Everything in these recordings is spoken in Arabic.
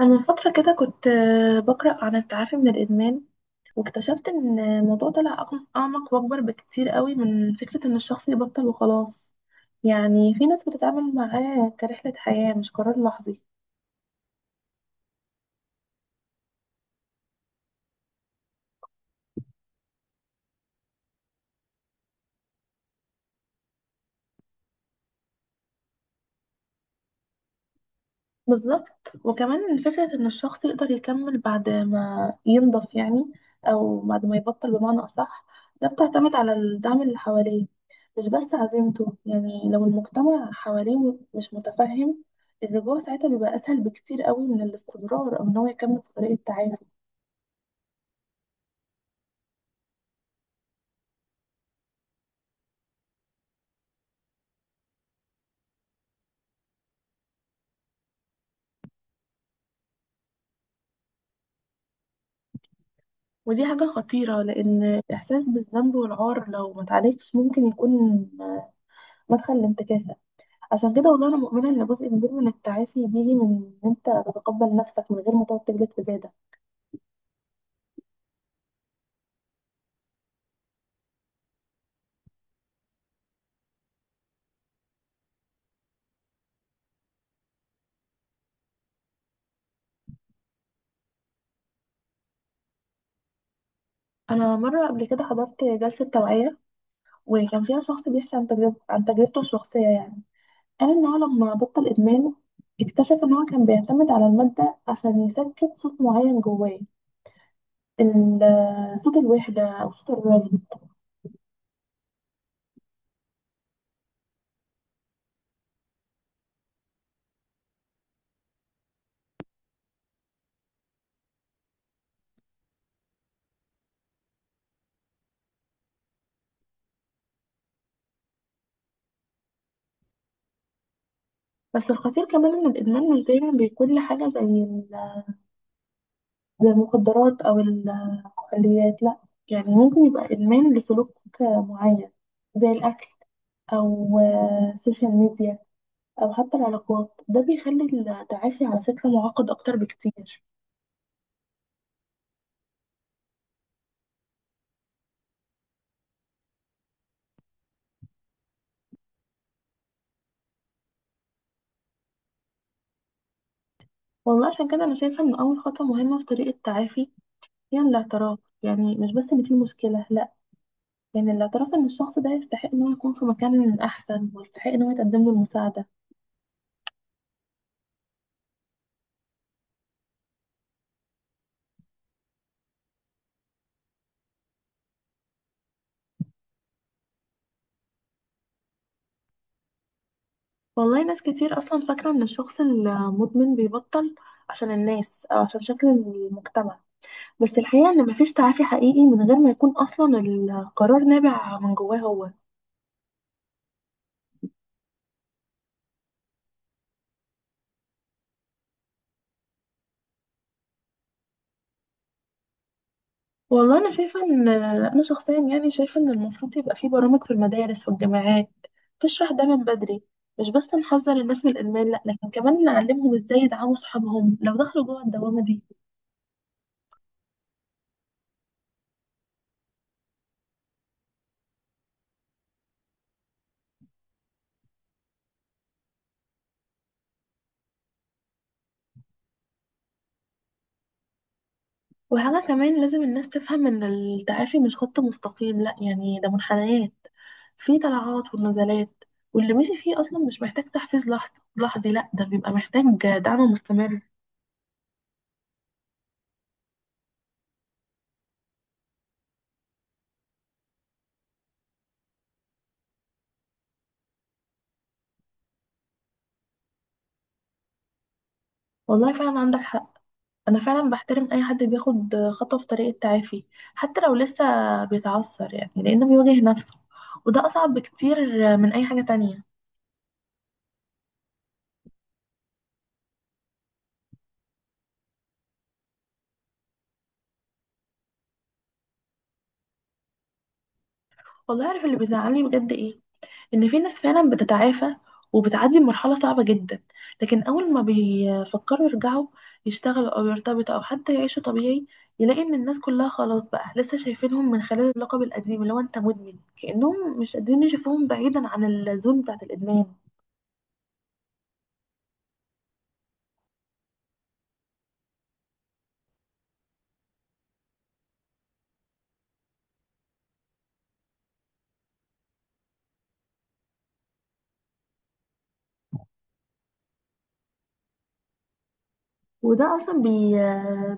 أنا من فترة كده كنت بقرأ عن التعافي من الإدمان، واكتشفت إن الموضوع طلع أعمق وأكبر بكتير قوي من فكرة إن الشخص يبطل وخلاص. يعني في ناس بتتعامل معاه كرحلة حياة مش قرار لحظي. بالظبط، وكمان فكرة إن الشخص يقدر يكمل بعد ما ينضف يعني، أو بعد ما يبطل بمعنى أصح. ده بتعتمد على الدعم اللي حواليه، مش بس عزيمته. يعني لو المجتمع حواليه مش متفهم، الرجوع ساعتها بيبقى أسهل بكتير قوي من الاستمرار أو إن هو يكمل في طريق التعافي. ودي حاجة خطيرة، لأن الإحساس بالذنب والعار لو ما اتعالجش ممكن يكون مدخل لانتكاسة. عشان كده والله انا مؤمنه ان جزء كبير من التعافي بيجي من ان انت تتقبل نفسك من غير ما تقعد تجلد في زيادة. انا مره قبل كده حضرت جلسه توعيه، وكان فيها شخص بيحكي عن تجربته الشخصيه يعني. قال ان هو لما بطل ادمان، اكتشف ان هو كان بيعتمد على الماده عشان يسكت صوت معين جواه، صوت الوحده او صوت الرفض. بس الخطير كمان ان الادمان مش دايما بيكون لحاجه زي المخدرات او ال اليات، لا. يعني ممكن يبقى إدمان لسلوك معين، زي الأكل، أو السوشيال ميديا، أو حتى العلاقات. ده بيخلي التعافي على فكرة معقد أكتر بكتير. والله عشان كده أنا شايفة إن أول خطوة مهمة في طريق التعافي هي الاعتراف. يعني مش بس إن في مشكلة، لا. يعني الاعتراف إن الشخص ده يستحق إن هو يكون في مكان أحسن، ويستحق إن هو يتقدم له المساعدة. والله ناس كتير أصلا فاكرة إن الشخص المدمن بيبطل عشان الناس أو عشان شكل المجتمع، بس الحقيقة إن مفيش تعافي حقيقي من غير ما يكون أصلا القرار نابع من جواه هو. والله أنا شايفة إن أنا شخصيا، يعني شايفة إن المفروض يبقى في برامج في المدارس والجامعات تشرح ده من بدري. مش بس نحذر الناس من الإدمان، لأ، لكن كمان نعلمهم إزاي يدعموا صحابهم لو دخلوا جوه الدوامة دي. وحاجة كمان لازم الناس تفهم إن التعافي مش خط مستقيم، لأ، يعني ده منحنيات، في طلعات ونزلات. واللي ماشي فيه أصلا مش محتاج تحفيز لحظي، لأ، ده بيبقى محتاج دعم مستمر. والله فعلا عندك حق. انا فعلا بحترم اي حد بياخد خطوه في طريق التعافي، حتى لو لسه بيتعثر، يعني لانه بيواجه نفسه، وده اصعب بكتير من اي حاجه تانية. والله عارف اللي بيزعلني بجد ايه؟ ان في ناس فعلا بتتعافى وبتعدي بمرحله صعبه جدا، لكن اول ما بيفكروا يرجعوا يشتغلوا او يرتبطوا او حتى يعيشوا طبيعي، يلاقي ان الناس كلها خلاص بقى لسه شايفينهم من خلال اللقب القديم اللي هو انت مدمن، كانهم مش قادرين يشوفوهم بعيدا عن الزون بتاعت الادمان. وده أصلا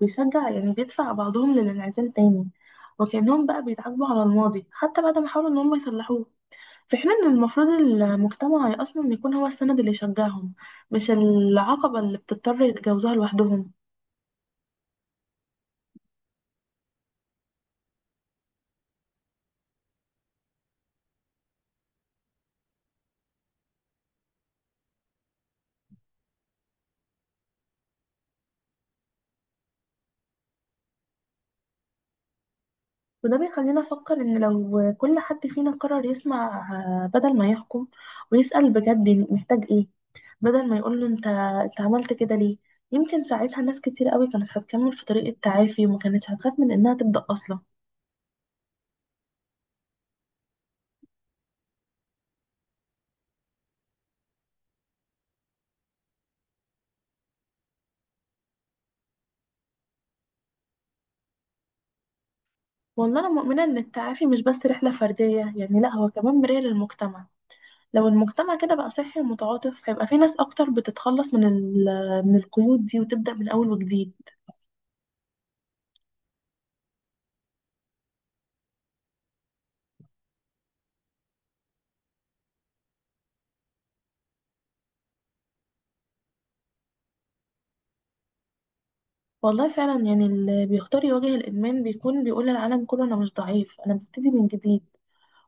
بيشجع، يعني بيدفع بعضهم للانعزال تاني، وكأنهم بقى بيتعاقبوا على الماضي حتى بعد ما حاولوا إن هم يصلحوه. في حين إن المفروض المجتمع أصلا يكون هو السند اللي يشجعهم، مش العقبة اللي بتضطر يتجاوزوها لوحدهم. وده بيخلينا أفكر إن لو كل حد فينا قرر يسمع، بدل ما يحكم، ويسأل بجد محتاج إيه، بدل ما يقول له أنت عملت كده ليه، يمكن ساعتها ناس كتير قوي كانت هتكمل في طريق التعافي، وما كانتش هتخاف من إنها تبدأ أصلا. والله أنا مؤمنة إن التعافي مش بس رحلة فردية، يعني لأ، هو كمان مراية للمجتمع. لو المجتمع كده بقى صحي ومتعاطف، هيبقى في ناس أكتر بتتخلص من من القيود دي وتبدأ من أول وجديد. والله فعلا، يعني اللي بيختار يواجه الإدمان بيكون بيقول للعالم كله أنا مش ضعيف، أنا ببتدي من جديد.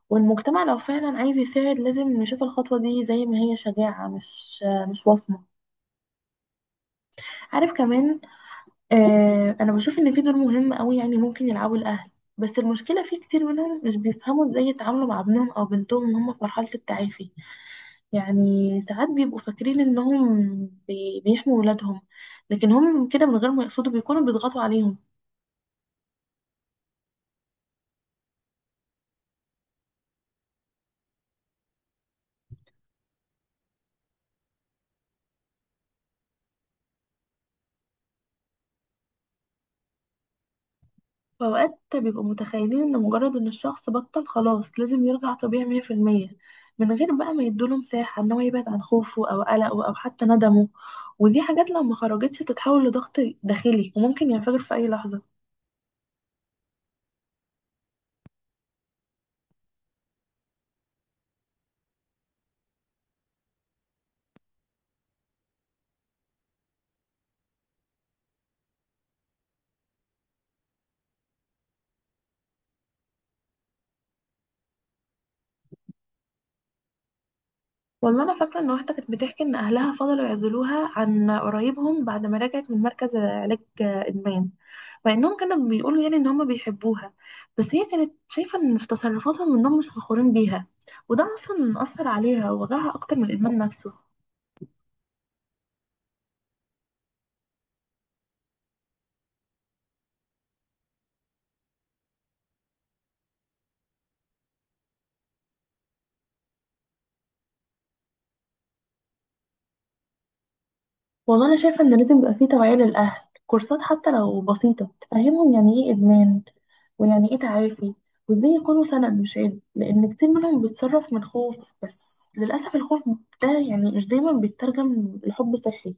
والمجتمع لو فعلا عايز يساعد لازم نشوف الخطوة دي زي ما هي شجاعة، مش وصمة. عارف كمان، انا بشوف ان في دور مهم قوي يعني ممكن يلعبوا الاهل، بس المشكله في كتير منهم مش بيفهموا ازاي يتعاملوا مع ابنهم او بنتهم وهم في مرحله التعافي. يعني ساعات بيبقوا فاكرين انهم بيحموا ولادهم، لكن هم كده من غير ما يقصدوا بيكونوا بيضغطوا عليهم. فاوقات بيبقوا متخيلين ان مجرد ان الشخص بطل خلاص لازم يرجع طبيعي 100%، من غير بقى ما يدوله مساحه ان هو يبعد عن خوفه او قلقه او حتى ندمه. ودي حاجات لو ما خرجتش بتتحول لضغط داخلي، وممكن ينفجر في اي لحظه. والله انا فاكره ان واحده كانت بتحكي ان اهلها فضلوا يعزلوها عن قرايبهم بعد ما رجعت من مركز علاج ادمان، مع انهم كانوا بيقولوا يعني ان هم بيحبوها، بس هي كانت شايفه ان في تصرفاتهم انهم مش فخورين بيها، وده اصلا اثر عليها ووجعها اكتر من الادمان نفسه. والله انا شايفه ان لازم يبقى في توعيه للاهل، كورسات حتى لو بسيطه تفهمهم يعني ايه ادمان، ويعني ايه تعافي، وازاي يكونوا سند مش عيب، لان كتير منهم بيتصرف من خوف بس. للاسف الخوف ده يعني مش دايما بيترجم لحب صحي.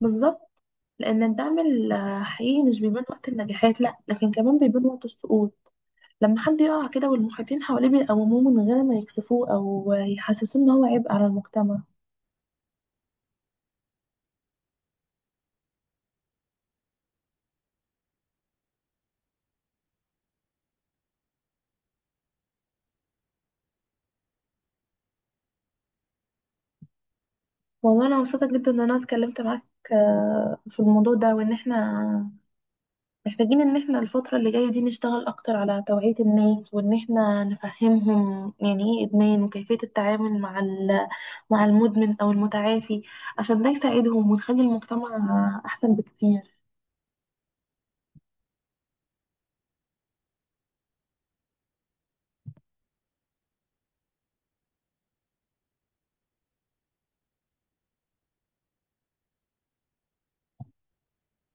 بالظبط، لان الدعم حقيقي مش بيبان وقت النجاحات، لا، لكن كمان بيبان وقت السقوط، لما حد يقع كده والمحيطين حواليه بيقوموه من غير ما يكسفوه او يحسسوه ان هو عبء على المجتمع. والله انا مبسوطه جدا ان انا اتكلمت معاك في الموضوع ده، وان احنا محتاجين ان احنا الفتره اللي جايه دي نشتغل اكتر على توعيه الناس، وان احنا نفهمهم يعني ايه ادمان وكيفيه التعامل مع مع المدمن او المتعافي، عشان ده يساعدهم ونخلي المجتمع احسن بكتير.